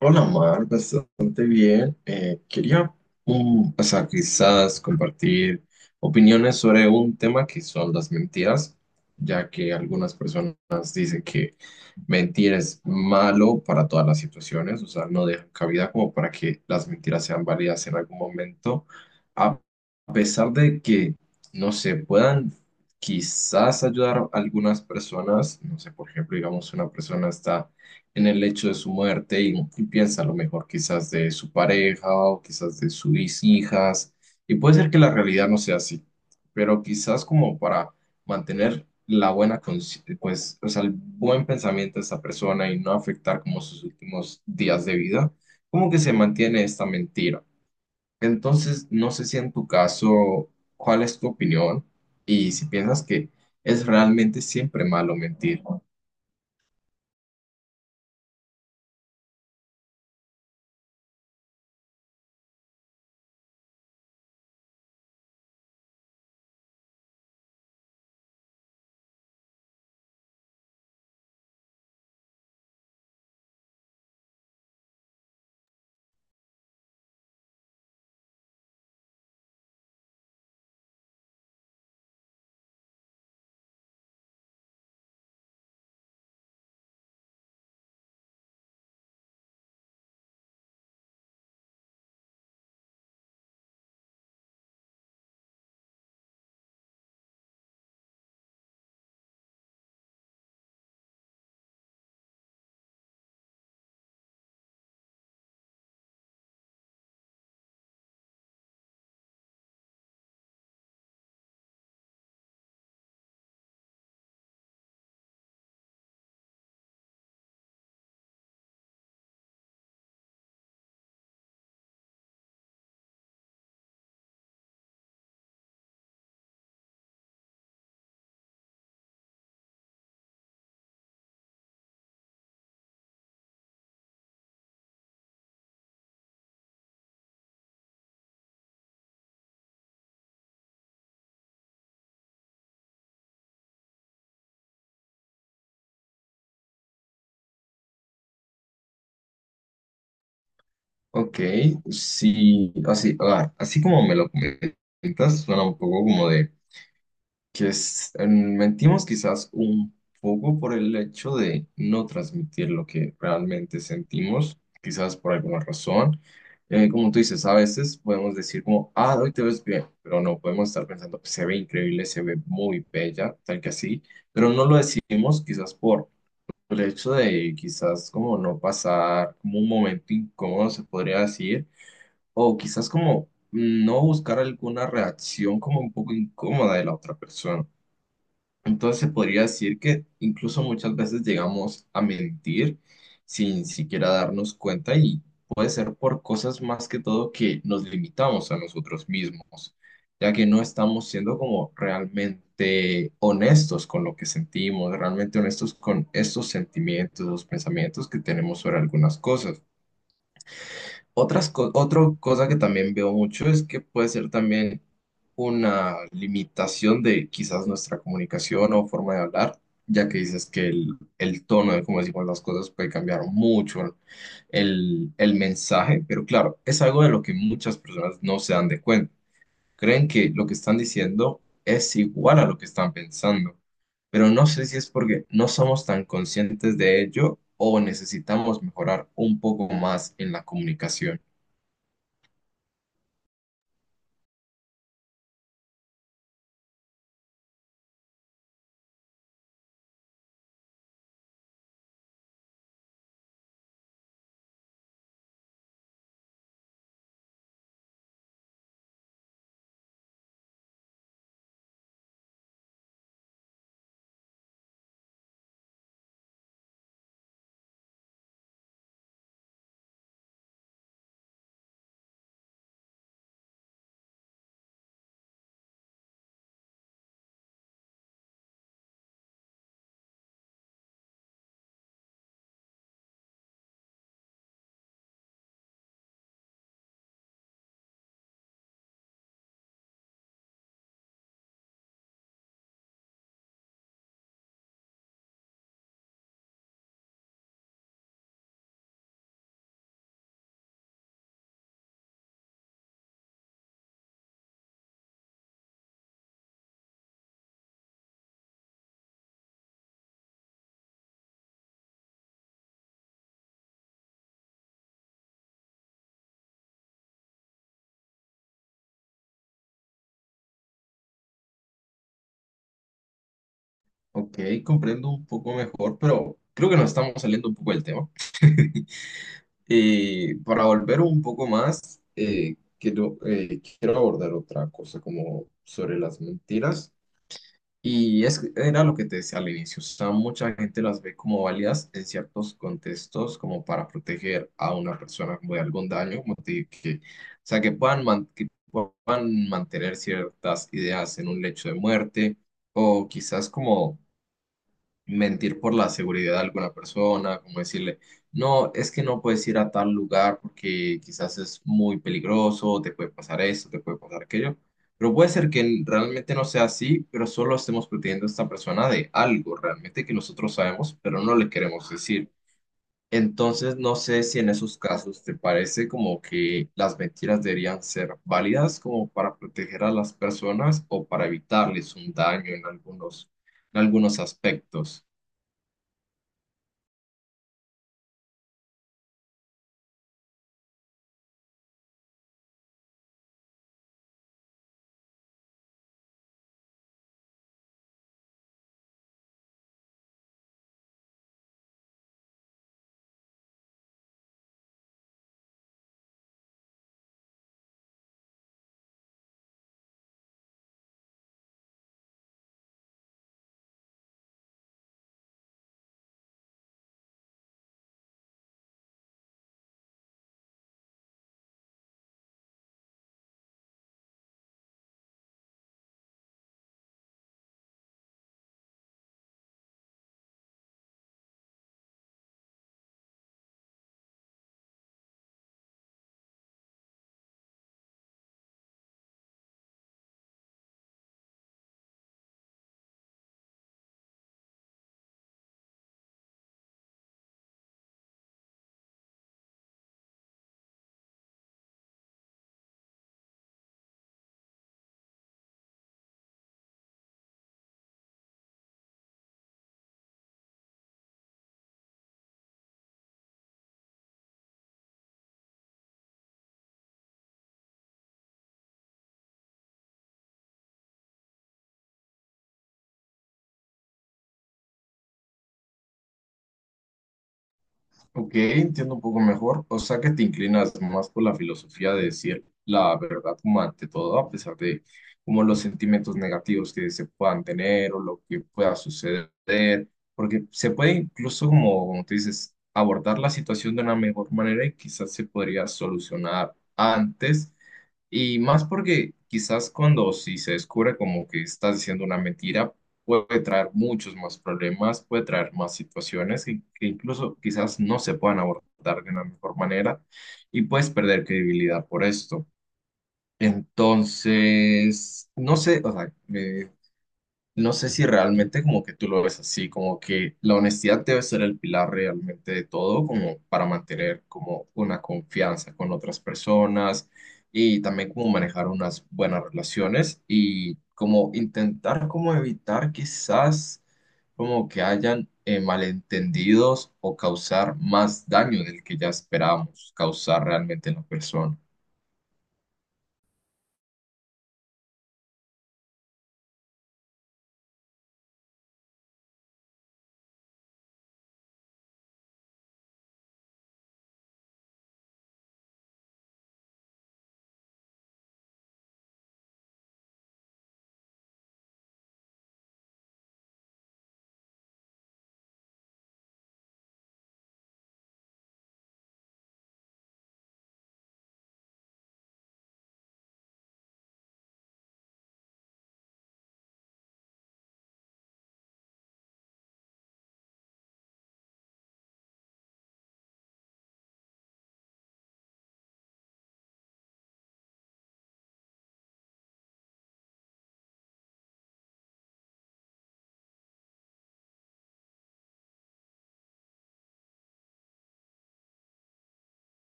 Hola, Mar, bastante bien. Quería o sea, quizás compartir opiniones sobre un tema que son las mentiras, ya que algunas personas dicen que mentir es malo para todas las situaciones, o sea, no dejan cabida como para que las mentiras sean válidas en algún momento, a pesar de que no se puedan quizás ayudar a algunas personas, no sé, por ejemplo, digamos, una persona está en el hecho de su muerte y piensa a lo mejor quizás de su pareja o quizás de sus hijas. Y puede ser que la realidad no sea así, pero quizás como para mantener la buena, pues, o sea, el buen pensamiento de esta persona y no afectar como sus últimos días de vida, como que se mantiene esta mentira. Entonces, no sé si en tu caso, ¿cuál es tu opinión? Y si piensas que es realmente siempre malo mentir. Ok, sí, así, así como me lo comentas, suena un poco como de mentimos quizás un poco por el hecho de no transmitir lo que realmente sentimos, quizás por alguna razón. Como tú dices, a veces podemos decir como, ah, hoy te ves bien, pero no podemos estar pensando, se ve increíble, se ve muy bella, tal que así, pero no lo decimos quizás por el hecho de quizás como no pasar como un momento incómodo, se podría decir o quizás como no buscar alguna reacción como un poco incómoda de la otra persona. Entonces se podría decir que incluso muchas veces llegamos a mentir sin siquiera darnos cuenta y puede ser por cosas más que todo que nos limitamos a nosotros mismos, ya que no estamos siendo como realmente honestos con lo que sentimos, realmente honestos con estos sentimientos, los pensamientos que tenemos sobre algunas cosas. Otra cosa que también veo mucho es que puede ser también una limitación de quizás nuestra comunicación o forma de hablar, ya que dices que el tono de cómo decimos las cosas puede cambiar mucho el mensaje, pero claro, es algo de lo que muchas personas no se dan de cuenta. Creen que lo que están diciendo es igual a lo que están pensando, pero no sé si es porque no somos tan conscientes de ello o necesitamos mejorar un poco más en la comunicación. Ok, comprendo un poco mejor, pero creo que nos estamos saliendo un poco del tema. Y para volver un poco más, quiero abordar otra cosa como sobre las mentiras. Y es, era lo que te decía al inicio, o sea, mucha gente las ve como válidas en ciertos contextos como para proteger a una persona como de algún daño, como te dije, o sea, que que puedan mantener ciertas ideas en un lecho de muerte o quizás como mentir por la seguridad de alguna persona, como decirle, no, es que no puedes ir a tal lugar porque quizás es muy peligroso, te puede pasar esto, te puede pasar aquello. Pero puede ser que realmente no sea así, pero solo estemos protegiendo a esta persona de algo realmente que nosotros sabemos, pero no le queremos decir. Entonces, no sé si en esos casos te parece como que las mentiras deberían ser válidas como para proteger a las personas o para evitarles un daño en algunos aspectos. Ok, entiendo un poco mejor. O sea que te inclinas más por la filosofía de decir la verdad como ante todo, a pesar de como los sentimientos negativos que se puedan tener o lo que pueda suceder, porque se puede incluso como, como tú dices, abordar la situación de una mejor manera y quizás se podría solucionar antes. Y más porque quizás cuando si se descubre como que estás diciendo una mentira, puede traer muchos más problemas, puede traer más situaciones que incluso quizás no se puedan abordar de una mejor manera y puedes perder credibilidad por esto. Entonces, no sé, o sea, no sé si realmente como que tú lo ves así, como que la honestidad debe ser el pilar realmente de todo, como para mantener como una confianza con otras personas y también como manejar unas buenas relaciones y como intentar como evitar quizás como que hayan malentendidos o causar más daño del que ya esperábamos causar realmente en la persona.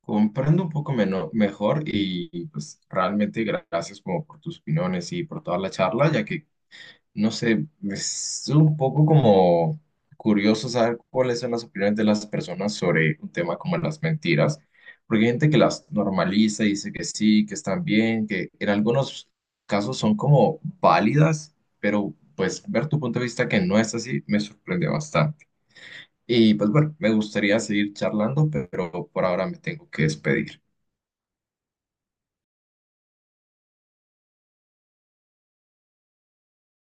Comprendo un poco mejor y pues realmente gracias como por tus opiniones y por toda la charla, ya que no sé, es un poco como curioso saber cuáles son las opiniones de las personas sobre un tema como las mentiras, porque hay gente que las normaliza y dice que sí, que están bien, que en algunos casos son como válidas, pero pues ver tu punto de vista que no es así me sorprende bastante. Y pues bueno, me gustaría seguir charlando, pero por ahora me tengo que despedir.